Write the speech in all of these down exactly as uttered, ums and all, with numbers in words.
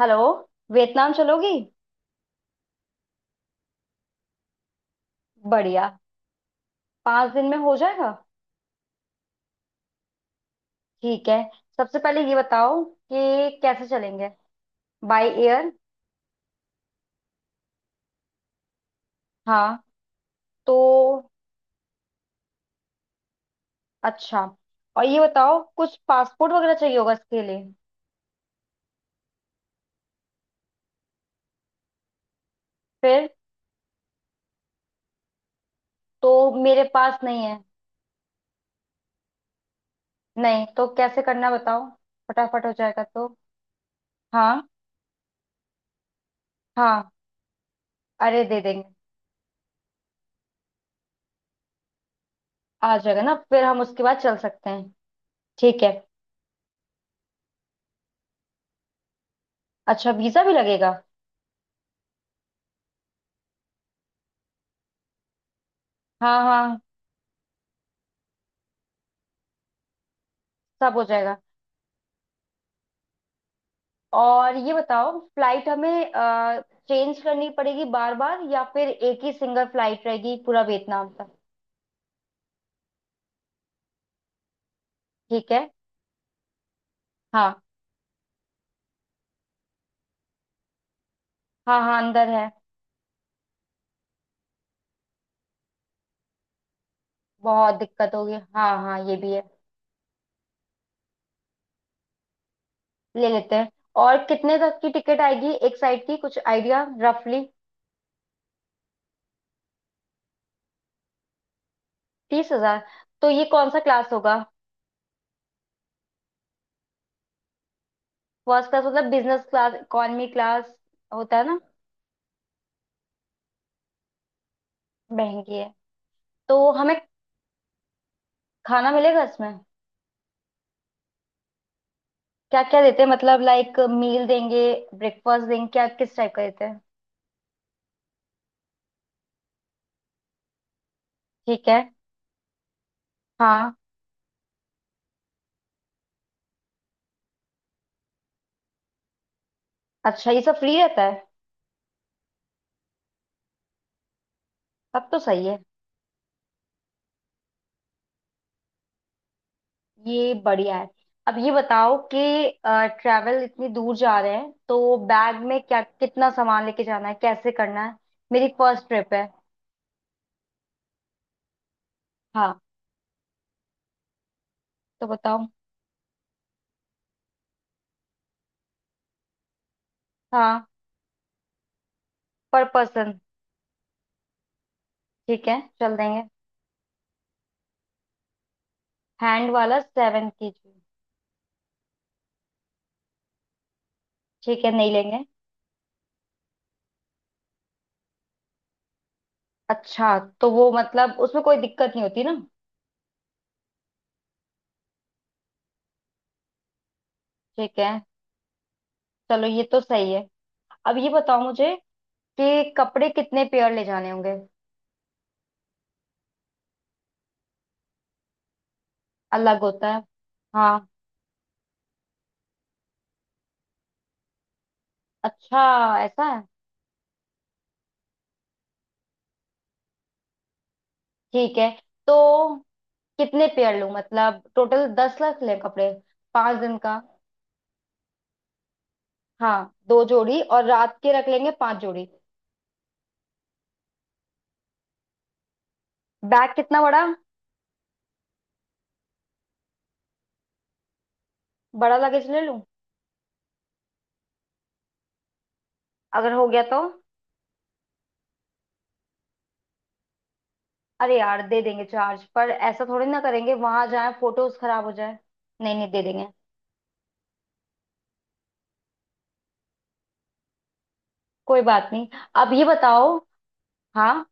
Hello. Vietnam चलोगी। बढ़िया। पाँच दिन में हो जाएगा? ठीक है। सबसे पहले ये बताओ कि कैसे चलेंगे। By air. हाँ। तो अच्छा। और ये बताओ कुछ पासपोर्ट वगैरह चाहिए होगा इसके लिए? फिर तो मेरे पास नहीं है। नहीं तो कैसे करना बताओ। फटाफट हो जाएगा तो? हाँ हाँ, अरे दे देंगे। आ जाएगा ना, फिर हम उसके बाद चल सकते हैं? ठीक है। अच्छा वीजा भी लगेगा? हाँ हाँ। सब हो जाएगा। और ये बताओ फ्लाइट हमें चेंज करनी पड़ेगी बार बार या फिर एक ही सिंगल फ्लाइट रहेगी पूरा वियतनाम तक? ठीक है। हाँ हाँ। हाँ अंदर है। बहुत दिक्कत होगी, हाँ हाँ, ये भी है। ले लेते हैं। और कितने तक की टिकट आएगी एक साइड की, कुछ आइडिया रफली? तीस हजार? तो ये कौन सा क्लास होगा? फर्स्ट क्लास मतलब बिजनेस क्लास इकोनॉमी क्लास होता है ना। महंगी है। तो हमें खाना मिलेगा इसमें? क्या क्या देते हैं, मतलब लाइक मील देंगे, ब्रेकफास्ट देंगे क्या, किस टाइप का देते हैं? ठीक है। हाँ। अच्छा ये सब फ्री रहता है? तब तो सही है। ये बढ़िया है। अब ये बताओ कि ट्रैवल इतनी दूर जा रहे हैं तो बैग में क्या कितना सामान लेके जाना है, कैसे करना है? मेरी फर्स्ट ट्रिप है। हाँ, तो बताओ। हाँ। पर पर्सन? ठीक है चल देंगे। हैंड वाला सेवन के जी। ठीक है नहीं लेंगे। अच्छा तो वो मतलब उसमें कोई दिक्कत नहीं होती ना? ठीक है। चलो ये तो सही है। अब ये बताओ मुझे कि कपड़े कितने पेयर ले जाने होंगे। अलग होता है। हाँ। अच्छा ऐसा है? ठीक है। तो कितने पेयर लूं, मतलब टोटल दस लाख लें कपड़े? पांच दिन का। हाँ दो जोड़ी, और रात के रख लेंगे पांच जोड़ी। बैग कितना बड़ा? बड़ा लगेज ले लूं? अगर हो गया तो? अरे यार दे देंगे चार्ज, पर ऐसा थोड़ी ना करेंगे वहां जाए फोटोज खराब हो जाए। नहीं नहीं दे देंगे। कोई बात नहीं। अब ये बताओ। हाँ।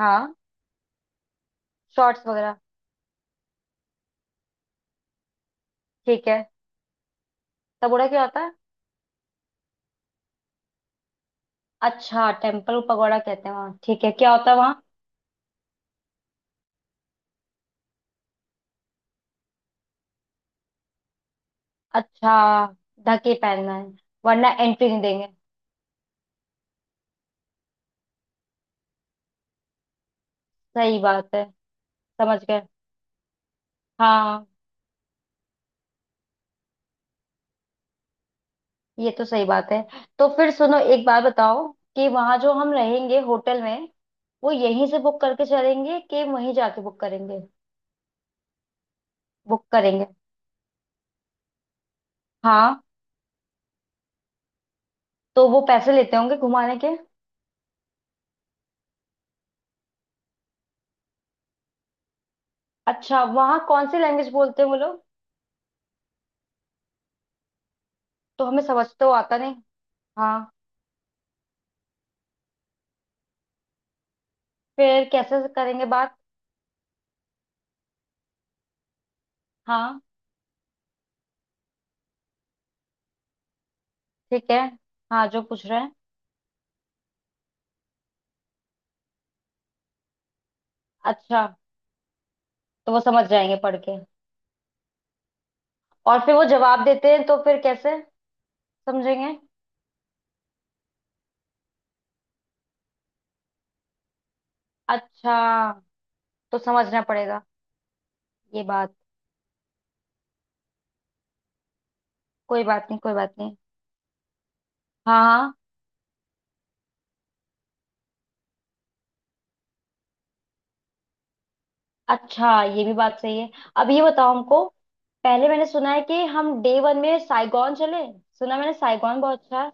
हाँ शॉर्ट्स वगैरह। ठीक है। तबोड़ा क्या होता है? अच्छा टेम्पल पगोड़ा कहते हैं वहाँ, ठीक है, क्या होता है? अच्छा ढक ही पहनना है? वरना एंट्री नहीं देंगे? सही बात है। समझ गए। हाँ। ये तो सही बात है। तो फिर सुनो एक बात बताओ कि वहां जो हम रहेंगे होटल में, वो यहीं से बुक करके चलेंगे कि वहीं जाके बुक करेंगे? बुक करेंगे। हाँ, तो वो पैसे लेते होंगे घुमाने के? अच्छा वहाँ कौन सी लैंग्वेज बोलते हैं वो लोग? तो हमें समझ तो आता नहीं। हाँ। फिर कैसे करेंगे बात? हाँ। ठीक है। हाँ जो पूछ रहे हैं। अच्छा। तो वो समझ जाएंगे पढ़ के? और फिर वो जवाब देते हैं तो फिर कैसे समझेंगे? अच्छा। तो समझना पड़ेगा? ये बात। कोई बात नहीं कोई बात नहीं। हाँ हाँ। अच्छा ये भी बात सही है। अब ये बताओ हमको, पहले मैंने सुना है कि हम डे वन में साइगॉन चले। सुना मैंने साइगॉन बहुत अच्छा है।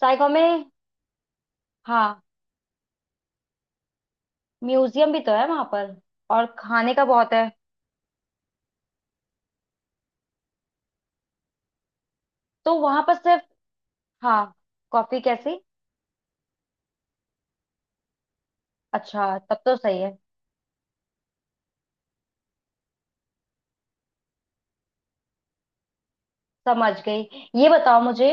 साइगॉन में? हाँ म्यूजियम भी तो है वहां पर। और खाने का बहुत है। तो वहां पर सिर्फ। हाँ। कॉफी कैसी? अच्छा तब तो सही है। समझ गई। ये बताओ मुझे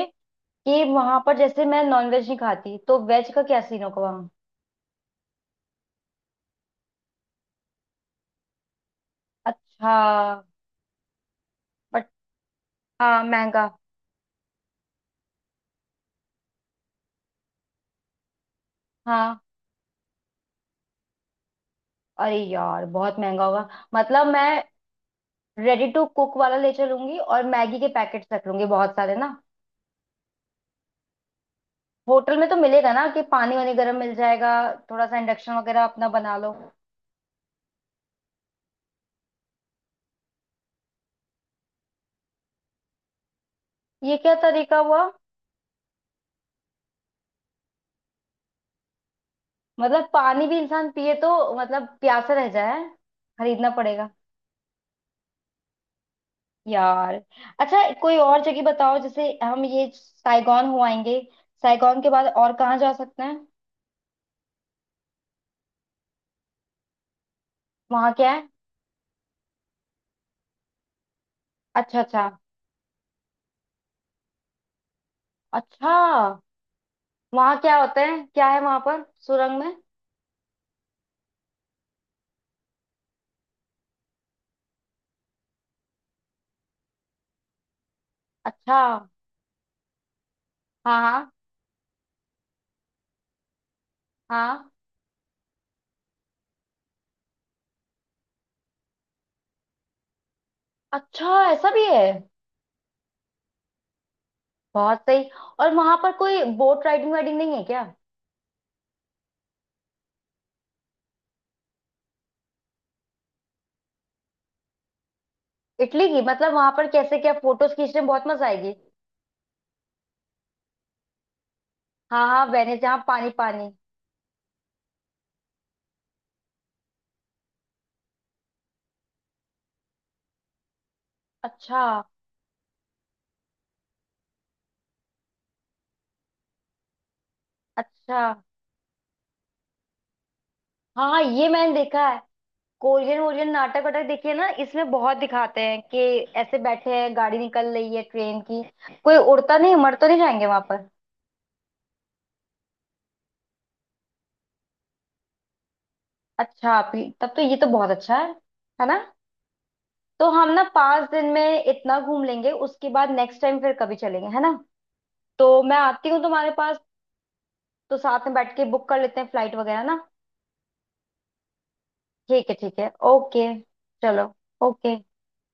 कि वहां पर जैसे मैं नॉनवेज नहीं खाती तो वेज का क्या सीन होगा वहाँ? अच्छा। बट। हाँ महंगा। हाँ अरे यार बहुत महंगा होगा। मतलब मैं रेडी टू कुक वाला ले चलूंगी और मैगी के पैकेट्स रख लूंगी बहुत सारे ना। होटल में तो मिलेगा ना कि पानी वानी गर्म मिल जाएगा, थोड़ा सा इंडक्शन वगैरह अपना बना लो। ये क्या तरीका हुआ? मतलब पानी भी इंसान पिए तो मतलब प्यासा रह जाए? खरीदना पड़ेगा यार। अच्छा कोई और जगह बताओ जैसे हम ये साइगॉन हो आएंगे, साइगॉन के बाद और कहाँ जा सकते हैं? वहाँ क्या है? अच्छा अच्छा। अच्छा। वहाँ क्या होता है, क्या है वहाँ पर सुरंग में? अच्छा। हाँ हाँ। हाँ। अच्छा ऐसा भी है? बहुत सही। और वहाँ पर कोई बोट राइडिंग वाइडिंग नहीं है क्या? इटली की? मतलब वहाँ पर कैसे, क्या फोटोज खींचने में बहुत मजा आएगी? हाँ हाँ वेनिस जहाँ पानी पानी। अच्छा। अच्छा हाँ हाँ ये मैंने देखा। कोरियन वोरियन नाटक वाटक देखिए ना, इसमें बहुत दिखाते हैं कि ऐसे बैठे हैं गाड़ी निकल रही है ट्रेन की। कोई उड़ता नहीं, मर तो नहीं जाएंगे वहां पर? अच्छा पी- तब तो ये तो बहुत अच्छा है। है ना? तो हम ना पांच दिन में इतना घूम लेंगे, उसके बाद नेक्स्ट टाइम फिर कभी चलेंगे, है ना? तो मैं आती हूँ तुम्हारे पास, तो साथ में बैठ के बुक कर लेते हैं फ्लाइट वगैरह ना। ठीक है ठीक है ओके। चलो। ओके।